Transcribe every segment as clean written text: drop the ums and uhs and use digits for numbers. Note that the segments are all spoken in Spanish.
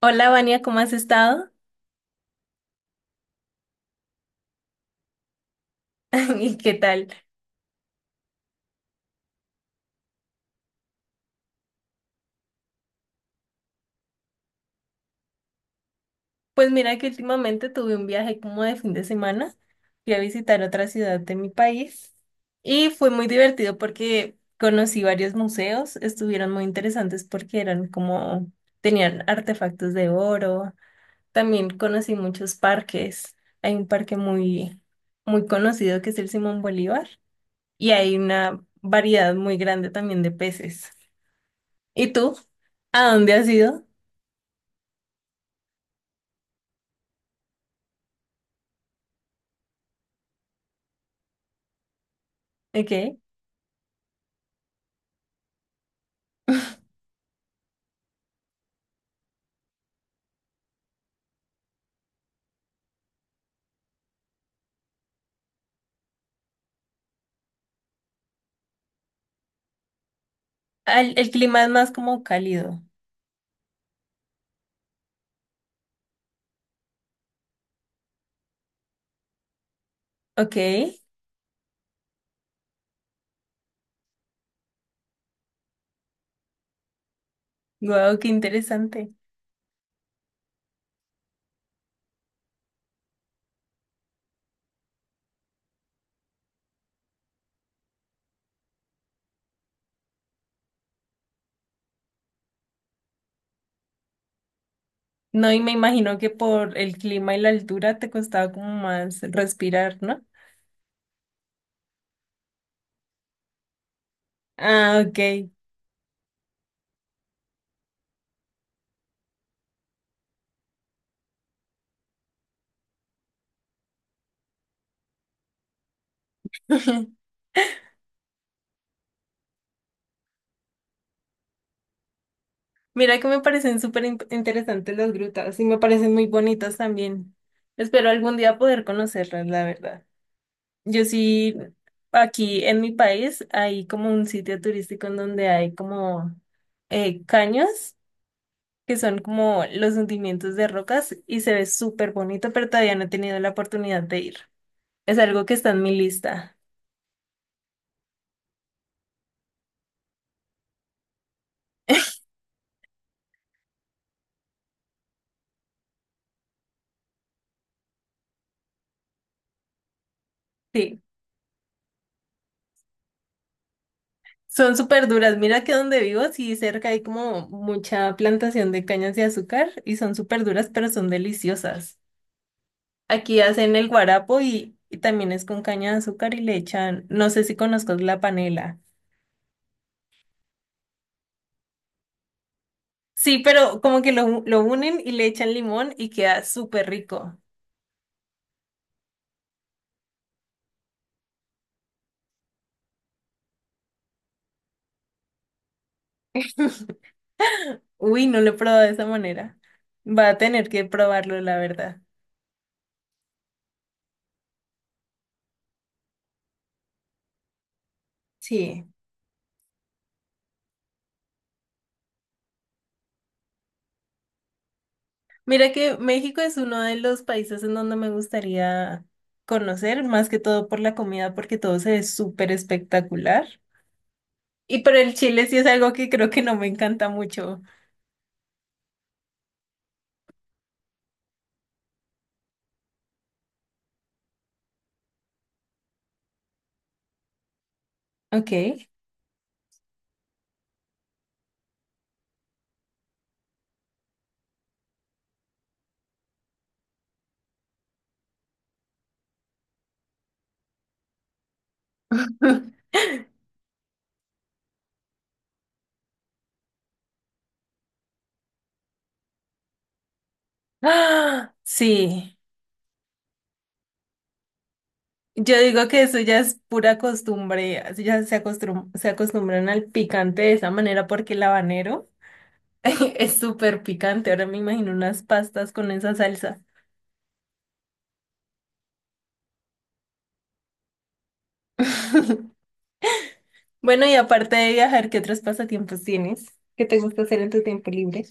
Hola, Vania, ¿cómo has estado? ¿Y qué tal? Pues mira que últimamente tuve un viaje como de fin de semana. Fui a visitar otra ciudad de mi país y fue muy divertido porque conocí varios museos. Estuvieron muy interesantes porque eran como, tenían artefactos de oro. También conocí muchos parques. Hay un parque muy, muy conocido que es el Simón Bolívar y hay una variedad muy grande también de peces. ¿Y tú? ¿A dónde has ido? ¿De qué? El clima es más como cálido. Ok, wow, qué interesante. No, y me imagino que por el clima y la altura te costaba como más respirar, ¿no? Ah, ok. Mira que me parecen súper interesantes las grutas y me parecen muy bonitas también. Espero algún día poder conocerlas, la verdad. Yo sí, aquí en mi país hay como un sitio turístico en donde hay como caños, que son como los hundimientos de rocas y se ve súper bonito, pero todavía no he tenido la oportunidad de ir. Es algo que está en mi lista. Sí, son súper duras. Mira que donde vivo, sí, cerca hay como mucha plantación de cañas de azúcar y son súper duras, pero son deliciosas. Aquí hacen el guarapo y también es con caña de azúcar y le echan, no sé si conozcas la panela. Sí, pero como que lo unen y le echan limón y queda súper rico. Uy, no lo he probado de esa manera. Va a tener que probarlo, la verdad. Sí. Mira que México es uno de los países en donde me gustaría conocer, más que todo por la comida, porque todo se ve súper espectacular. Y pero el chile sí es algo que creo que no me encanta mucho. Ok. Ah, sí. Yo digo que eso ya es pura costumbre, así ya se acostumbran al picante de esa manera porque el habanero. Es súper picante, ahora me imagino unas pastas con esa salsa. Bueno, y aparte de viajar, ¿qué otros pasatiempos tienes? ¿Qué te gusta hacer en tu tiempo libre?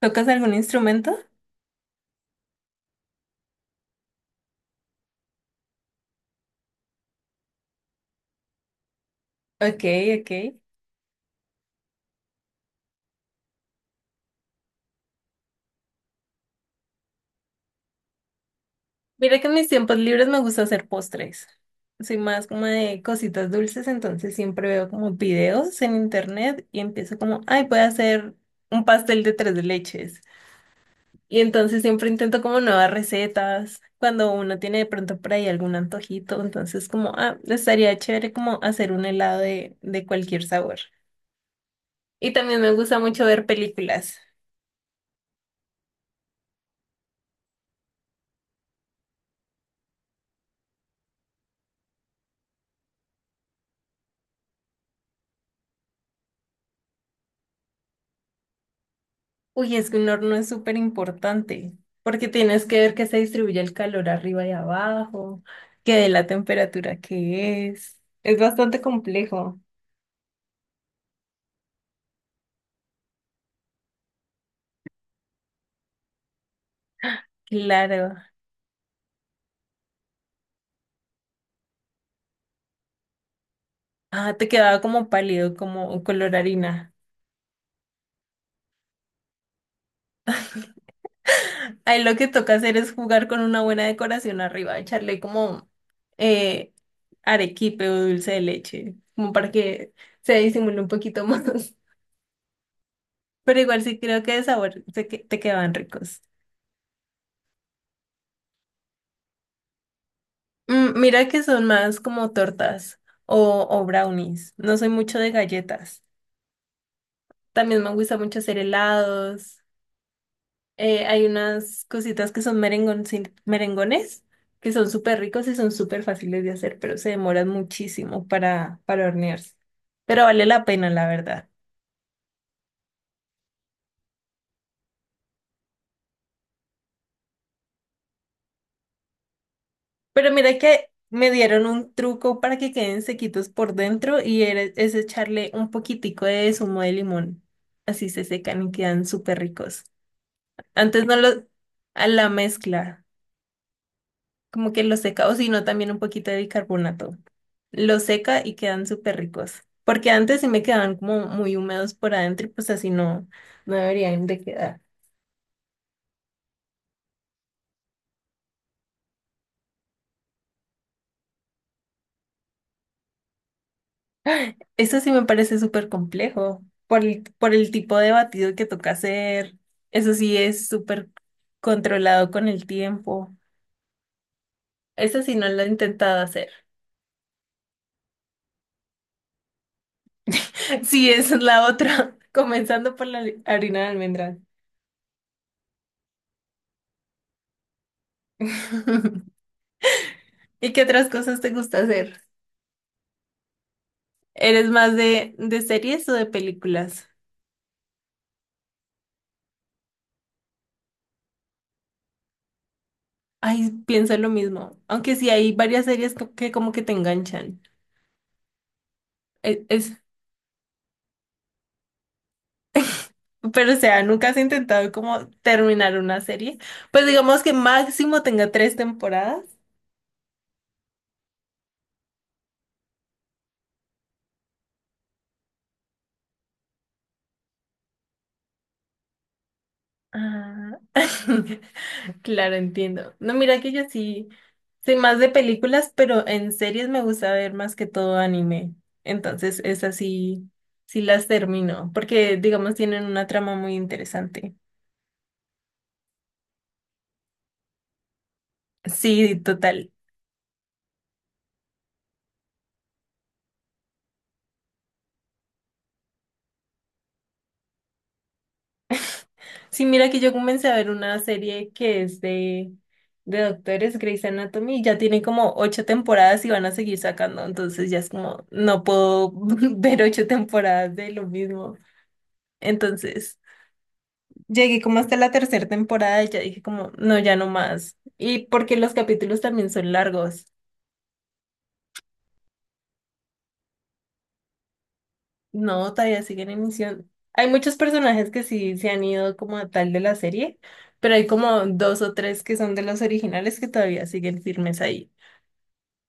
¿Tocas algún instrumento? Ok, ok. Mira que en mis tiempos libres me gusta hacer postres. Soy más como de cositas dulces, entonces siempre veo como videos en internet y empiezo como, ay, voy a hacer un pastel de tres leches. Y entonces siempre intento como nuevas recetas, cuando uno tiene de pronto por ahí algún antojito, entonces como, ah, estaría chévere como hacer un helado de cualquier sabor. Y también me gusta mucho ver películas. Uy, es que un horno es súper importante, porque tienes que ver que se distribuye el calor arriba y abajo, que de la temperatura que es. Es bastante complejo. Claro. Ah, te quedaba como pálido, como color harina. Ahí lo que toca hacer es jugar con una buena decoración arriba, echarle como eh, arequipe o dulce de leche, como para que se disimule un poquito más. Pero igual sí creo que de sabor te quedaban ricos. Mm, mira que son más como tortas o brownies. No soy mucho de galletas. También me gusta mucho hacer helados. Hay unas cositas que son merengones, que son súper ricos y son súper fáciles de hacer, pero se demoran muchísimo para hornearse. Pero vale la pena, la verdad. Pero mira que me dieron un truco para que queden sequitos por dentro y es echarle un poquitico de zumo de limón. Así se secan y quedan súper ricos. Antes no los... A la mezcla. Como que lo seca, o si no, también un poquito de bicarbonato. Lo seca y quedan súper ricos. Porque antes sí me quedaban como muy húmedos por adentro y pues así no, no deberían de quedar. Eso sí me parece súper complejo por el tipo de batido que toca hacer. Eso sí es súper controlado con el tiempo. Eso sí no lo he intentado hacer. Sí, esa es la otra, comenzando por la harina de almendras. ¿Y qué otras cosas te gusta hacer? ¿Eres más de series o de películas? Ay, pienso lo mismo. Aunque sí hay varias series que, como que te enganchan. Es, pero o sea, ¿nunca has intentado como terminar una serie? Pues digamos que máximo tenga tres temporadas. Ah, claro, entiendo. No, mira que yo sí soy más de películas, pero en series me gusta ver más que todo anime. Entonces, esas sí, sí las termino, porque digamos tienen una trama muy interesante. Sí, total. Sí, mira que yo comencé a ver una serie que es de doctores, Grey's Anatomy, y ya tiene como ocho temporadas y van a seguir sacando, entonces ya es como, no puedo ver ocho temporadas de lo mismo. Entonces, llegué como hasta la tercera temporada y ya dije como, no, ya no más. Y porque los capítulos también son largos. No, todavía siguen en emisión. Hay muchos personajes que sí se han ido como a tal de la serie, pero hay como dos o tres que son de los originales que todavía siguen firmes ahí.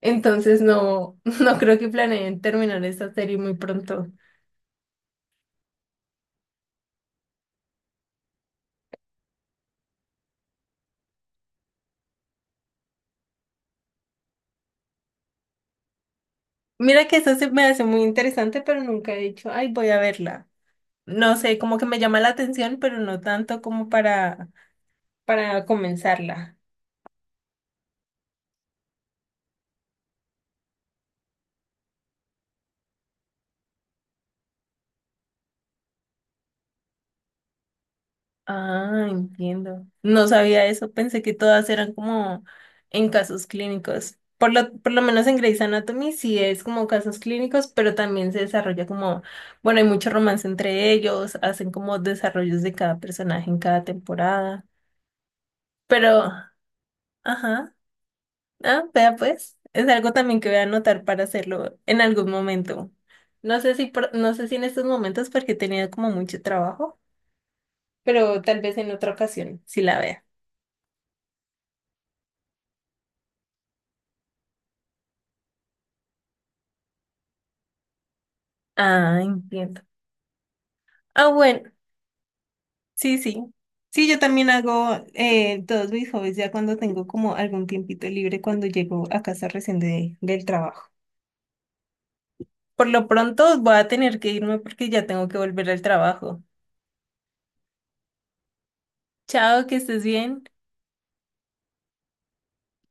Entonces no, no creo que planeen terminar esta serie muy pronto. Mira que eso se me hace muy interesante, pero nunca he dicho, ay, voy a verla. No sé, como que me llama la atención, pero no tanto como para comenzarla. Ah, entiendo. No sabía eso, pensé que todas eran como en casos clínicos. Por lo menos en Grey's Anatomy sí es como casos clínicos, pero también se desarrolla como, bueno, hay mucho romance entre ellos, hacen como desarrollos de cada personaje en cada temporada. Pero, ajá, ah, vea pues, es algo también que voy a anotar para hacerlo en algún momento. No sé si, no sé si en estos momentos porque he tenido como mucho trabajo, pero tal vez en otra ocasión, si la vea. Ah, entiendo. Ah, bueno, sí, sí. Sí, yo también hago todos mis hobbies ya cuando tengo como algún tiempito libre cuando llego a casa recién del trabajo. Por lo pronto voy a tener que irme porque ya tengo que volver al trabajo. Chao, que estés bien.